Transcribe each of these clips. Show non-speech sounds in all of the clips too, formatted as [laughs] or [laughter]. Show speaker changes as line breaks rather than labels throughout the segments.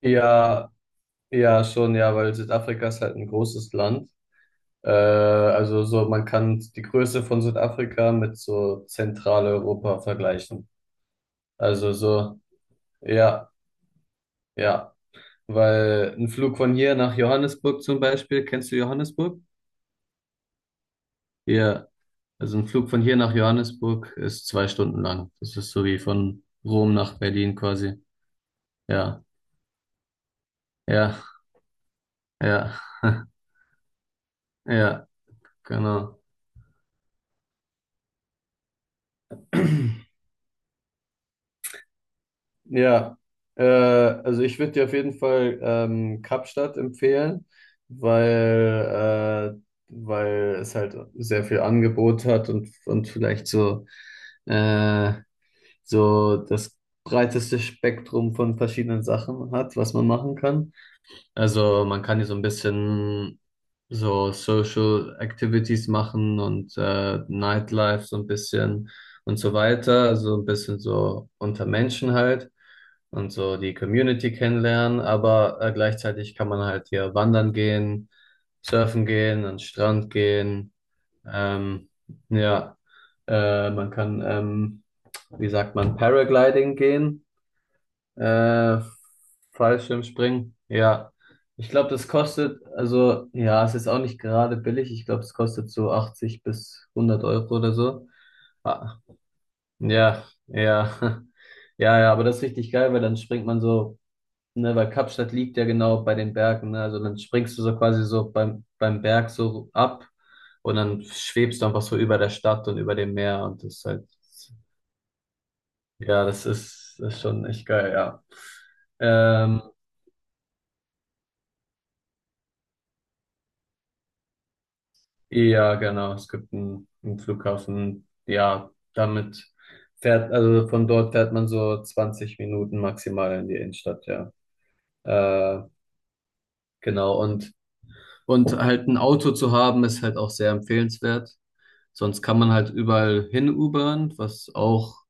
Ja, ja, schon, ja, weil Südafrika ist halt ein großes Land. Also so, man kann die Größe von Südafrika mit so Zentraleuropa vergleichen. Also so, ja, ja. Weil ein Flug von hier nach Johannesburg zum Beispiel, kennst du Johannesburg? Ja, also ein Flug von hier nach Johannesburg ist 2 Stunden lang. Das ist so wie von Rom nach Berlin quasi. Ja, ja, ja, [laughs] ja, genau. [clears throat] Ja, also ich würde dir auf jeden Fall Kapstadt empfehlen, weil, äh, weil es halt sehr viel Angebot hat und vielleicht äh, so das breiteste Spektrum von verschiedenen Sachen hat, was man machen kann. Also man kann hier so ein bisschen so Social Activities machen und Nightlife so ein bisschen und so weiter. Also ein bisschen so unter Menschen halt und so die Community kennenlernen. Aber gleichzeitig kann man halt hier wandern gehen, surfen gehen, an den Strand gehen. Ähm, ja, man kann, wie sagt man, Paragliding gehen. Äh, Fallschirmspringen, ja. Ich glaube, das kostet, also ja, es ist auch nicht gerade billig. Ich glaube, es kostet so 80 bis 100 Euro oder so. Ah, ja, ja, [laughs] ja, ja, aber das ist richtig geil, weil dann springt man so, ne, weil Kapstadt liegt ja genau bei den Bergen, ne, also dann springst du so quasi so beim Berg so ab und dann schwebst du einfach so über der Stadt und über dem Meer und das ist halt, ja, das ist schon echt geil, ja. Ähm, Ja, genau. Es gibt einen Flughafen. Ja, damit fährt, also von dort fährt man so 20 Minuten maximal in die Innenstadt, ja. Äh, genau. Und halt ein Auto zu haben, ist halt auch sehr empfehlenswert. Sonst kann man halt überall hin Ubern, was auch,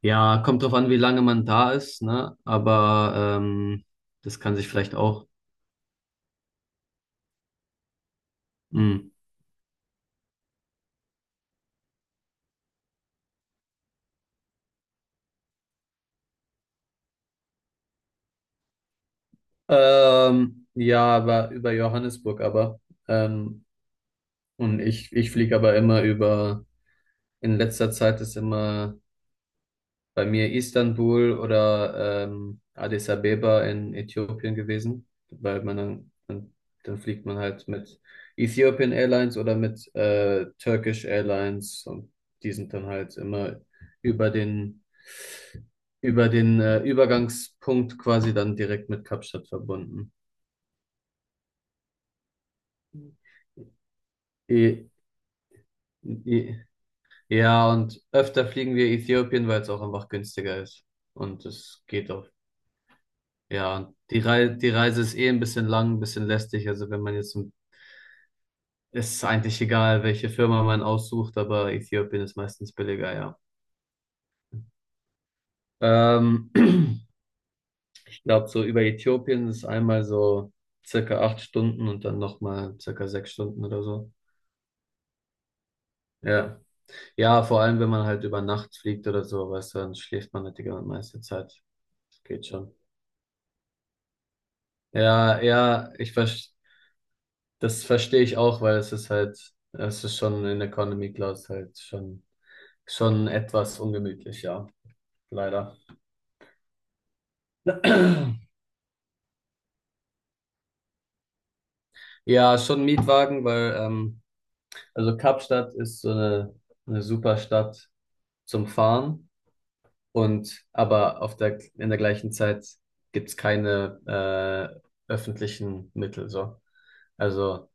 ja, kommt drauf an, wie lange man da ist, ne? Aber das kann sich vielleicht auch. Mh. Ja, aber über Johannesburg aber. Ähm, Und ich fliege aber immer über, in letzter Zeit ist immer bei mir Istanbul oder Addis Abeba in Äthiopien gewesen, weil man dann fliegt man halt mit Ethiopian Airlines oder mit Turkish Airlines und die sind dann halt immer über den, über den Übergangspunkt quasi dann direkt mit Kapstadt verbunden. I, I, Ja, und öfter fliegen wir Äthiopien, weil es auch einfach günstiger ist. Und es geht auch. Ja, und die Reise ist eh ein bisschen lang, ein bisschen lästig. Also wenn man jetzt, es ist eigentlich egal, welche Firma man aussucht, aber Äthiopien ist meistens billiger, ja. Ähm, [clears throat] Ich glaube, so über Äthiopien ist einmal so circa 8 Stunden und dann nochmal circa 6 Stunden oder so. Ja. Ja, vor allem, wenn man halt über Nacht fliegt oder so, weißt du, dann schläft man halt die ganze meiste Zeit. Das geht schon. Ja, ja, ich verstehe. Das verstehe ich auch, weil es ist halt, es ist schon in Economy Class halt schon etwas ungemütlich, ja, leider. [clears throat] Ja, schon Mietwagen, weil, also Kapstadt ist so eine super Stadt zum Fahren und aber auf der, in der gleichen Zeit gibt's keine öffentlichen Mittel, so. Also,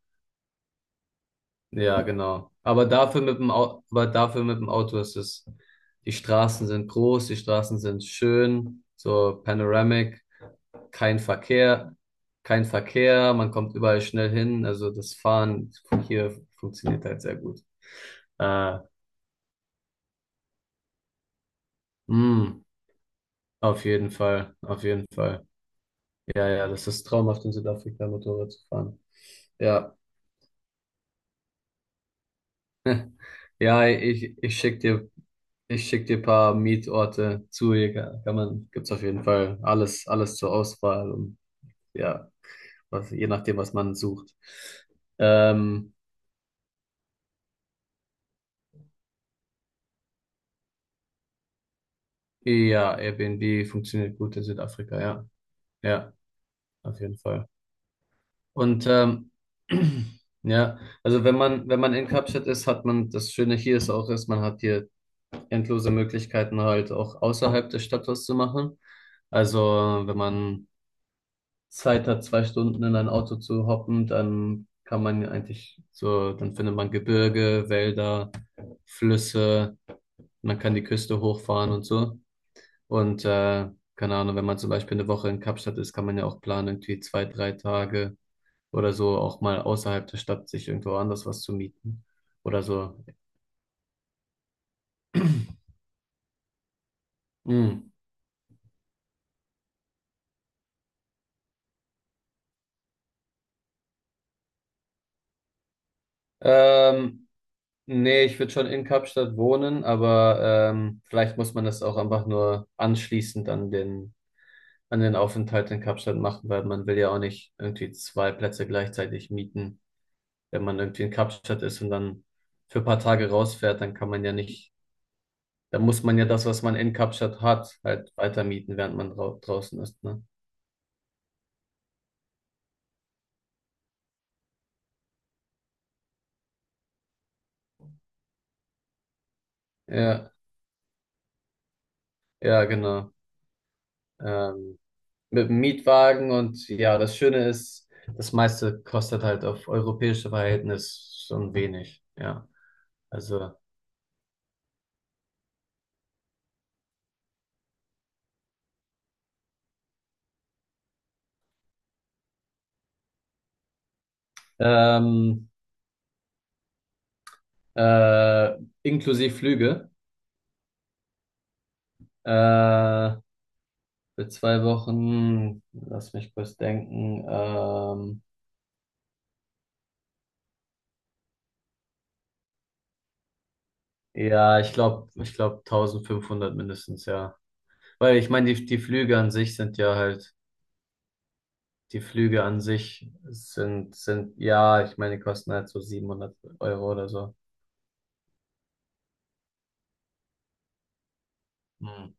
ja, genau. Aber dafür mit dem Auto, aber dafür mit dem Auto ist es, die Straßen sind groß, die Straßen sind schön, so panoramic, kein Verkehr, kein Verkehr, man kommt überall schnell hin. Also das Fahren hier funktioniert halt sehr gut. Äh, mh, auf jeden Fall, auf jeden Fall. Ja, ja, das ist traumhaft, in Südafrika Motorrad zu fahren. Ja. Ja, ich schick dir ein paar Mietorte zu. Hier kann man, gibt's auf jeden Fall alles, alles zur Auswahl und ja, was, je nachdem, was man sucht. Ähm, ja, Airbnb funktioniert gut in Südafrika, ja. Ja, auf jeden Fall. Und [clears throat] ja, also wenn man in Kapstadt ist, hat man, das Schöne hier ist auch, ist, man hat hier endlose Möglichkeiten halt auch außerhalb des Stadtors zu machen. Also wenn man Zeit hat, 2 Stunden in ein Auto zu hoppen, dann kann man ja eigentlich so, dann findet man Gebirge, Wälder, Flüsse, man kann die Küste hochfahren und so. Und keine Ahnung, wenn man zum Beispiel eine Woche in Kapstadt ist, kann man ja auch planen, irgendwie 2, 3 Tage oder so auch mal außerhalb der Stadt sich irgendwo anders was zu mieten oder so. [clears throat] Hm. Ähm, Nee, ich würde schon in Kapstadt wohnen, aber vielleicht muss man das auch einfach nur anschließend an den Aufenthalt in Kapstadt machen, weil man will ja auch nicht irgendwie zwei Plätze gleichzeitig mieten. Wenn man irgendwie in Kapstadt ist und dann für ein paar Tage rausfährt, dann kann man ja nicht, dann muss man ja das, was man in Kapstadt hat, halt weiter mieten, während man drau draußen ist, ne? Ja, ja, genau. Ähm, mit dem Mietwagen und ja, das Schöne ist, das meiste kostet halt auf europäische Verhältnis schon wenig, ja. Also, ähm, äh, inklusive Flüge. Äh, Für zwei Wochen, lass mich kurz denken. Ja, ich glaube 1500 mindestens, ja. Weil ich meine, die Flüge an sich sind ja halt, die Flüge an sich sind ja, ich meine, die kosten halt so 700 Euro oder so. Hm.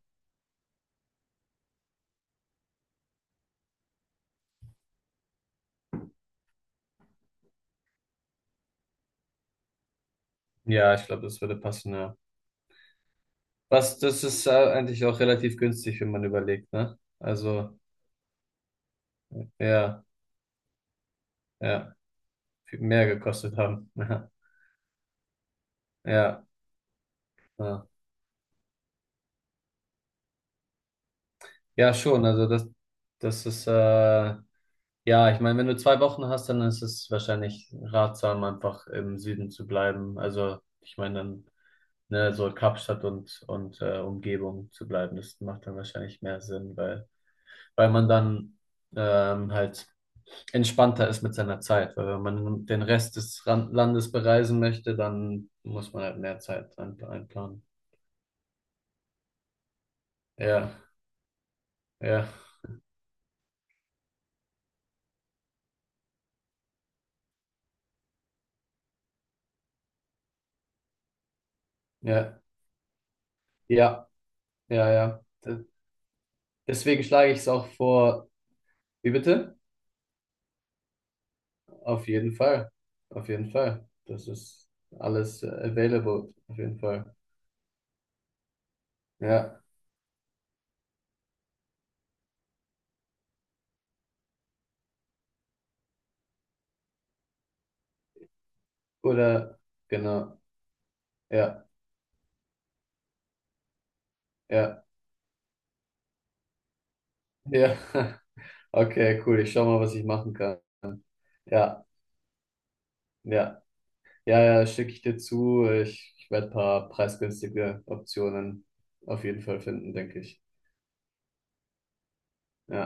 Ja, ich glaube, das würde passen, ja. Was, das ist eigentlich auch relativ günstig, wenn man überlegt, ne? Also, ja, ja, viel mehr gekostet haben. [laughs] Ja, ja. Ja, schon. Also das ist, ja, ich meine, wenn du 2 Wochen hast, dann ist es wahrscheinlich ratsam, einfach im Süden zu bleiben. Also ich meine, dann, ne, so Kapstadt und Umgebung zu bleiben, das macht dann wahrscheinlich mehr Sinn, weil man dann halt entspannter ist mit seiner Zeit. Weil wenn man den Rest des Landes bereisen möchte, dann muss man halt mehr Zeit einplanen. Ja, ja, ja, ja, ja, ja. Deswegen schlage ich es auch vor. Wie bitte? Auf jeden Fall. Auf jeden Fall. Das ist alles available. Auf jeden Fall. Ja. Oder, genau. Ja. Ja. Ja. [laughs] Okay, cool. Ich schau mal, was ich machen kann. Ja. Ja. Ja, ja, schicke ich dir zu. Ich werde ein paar preisgünstige Optionen auf jeden Fall finden, denke ich. Ja.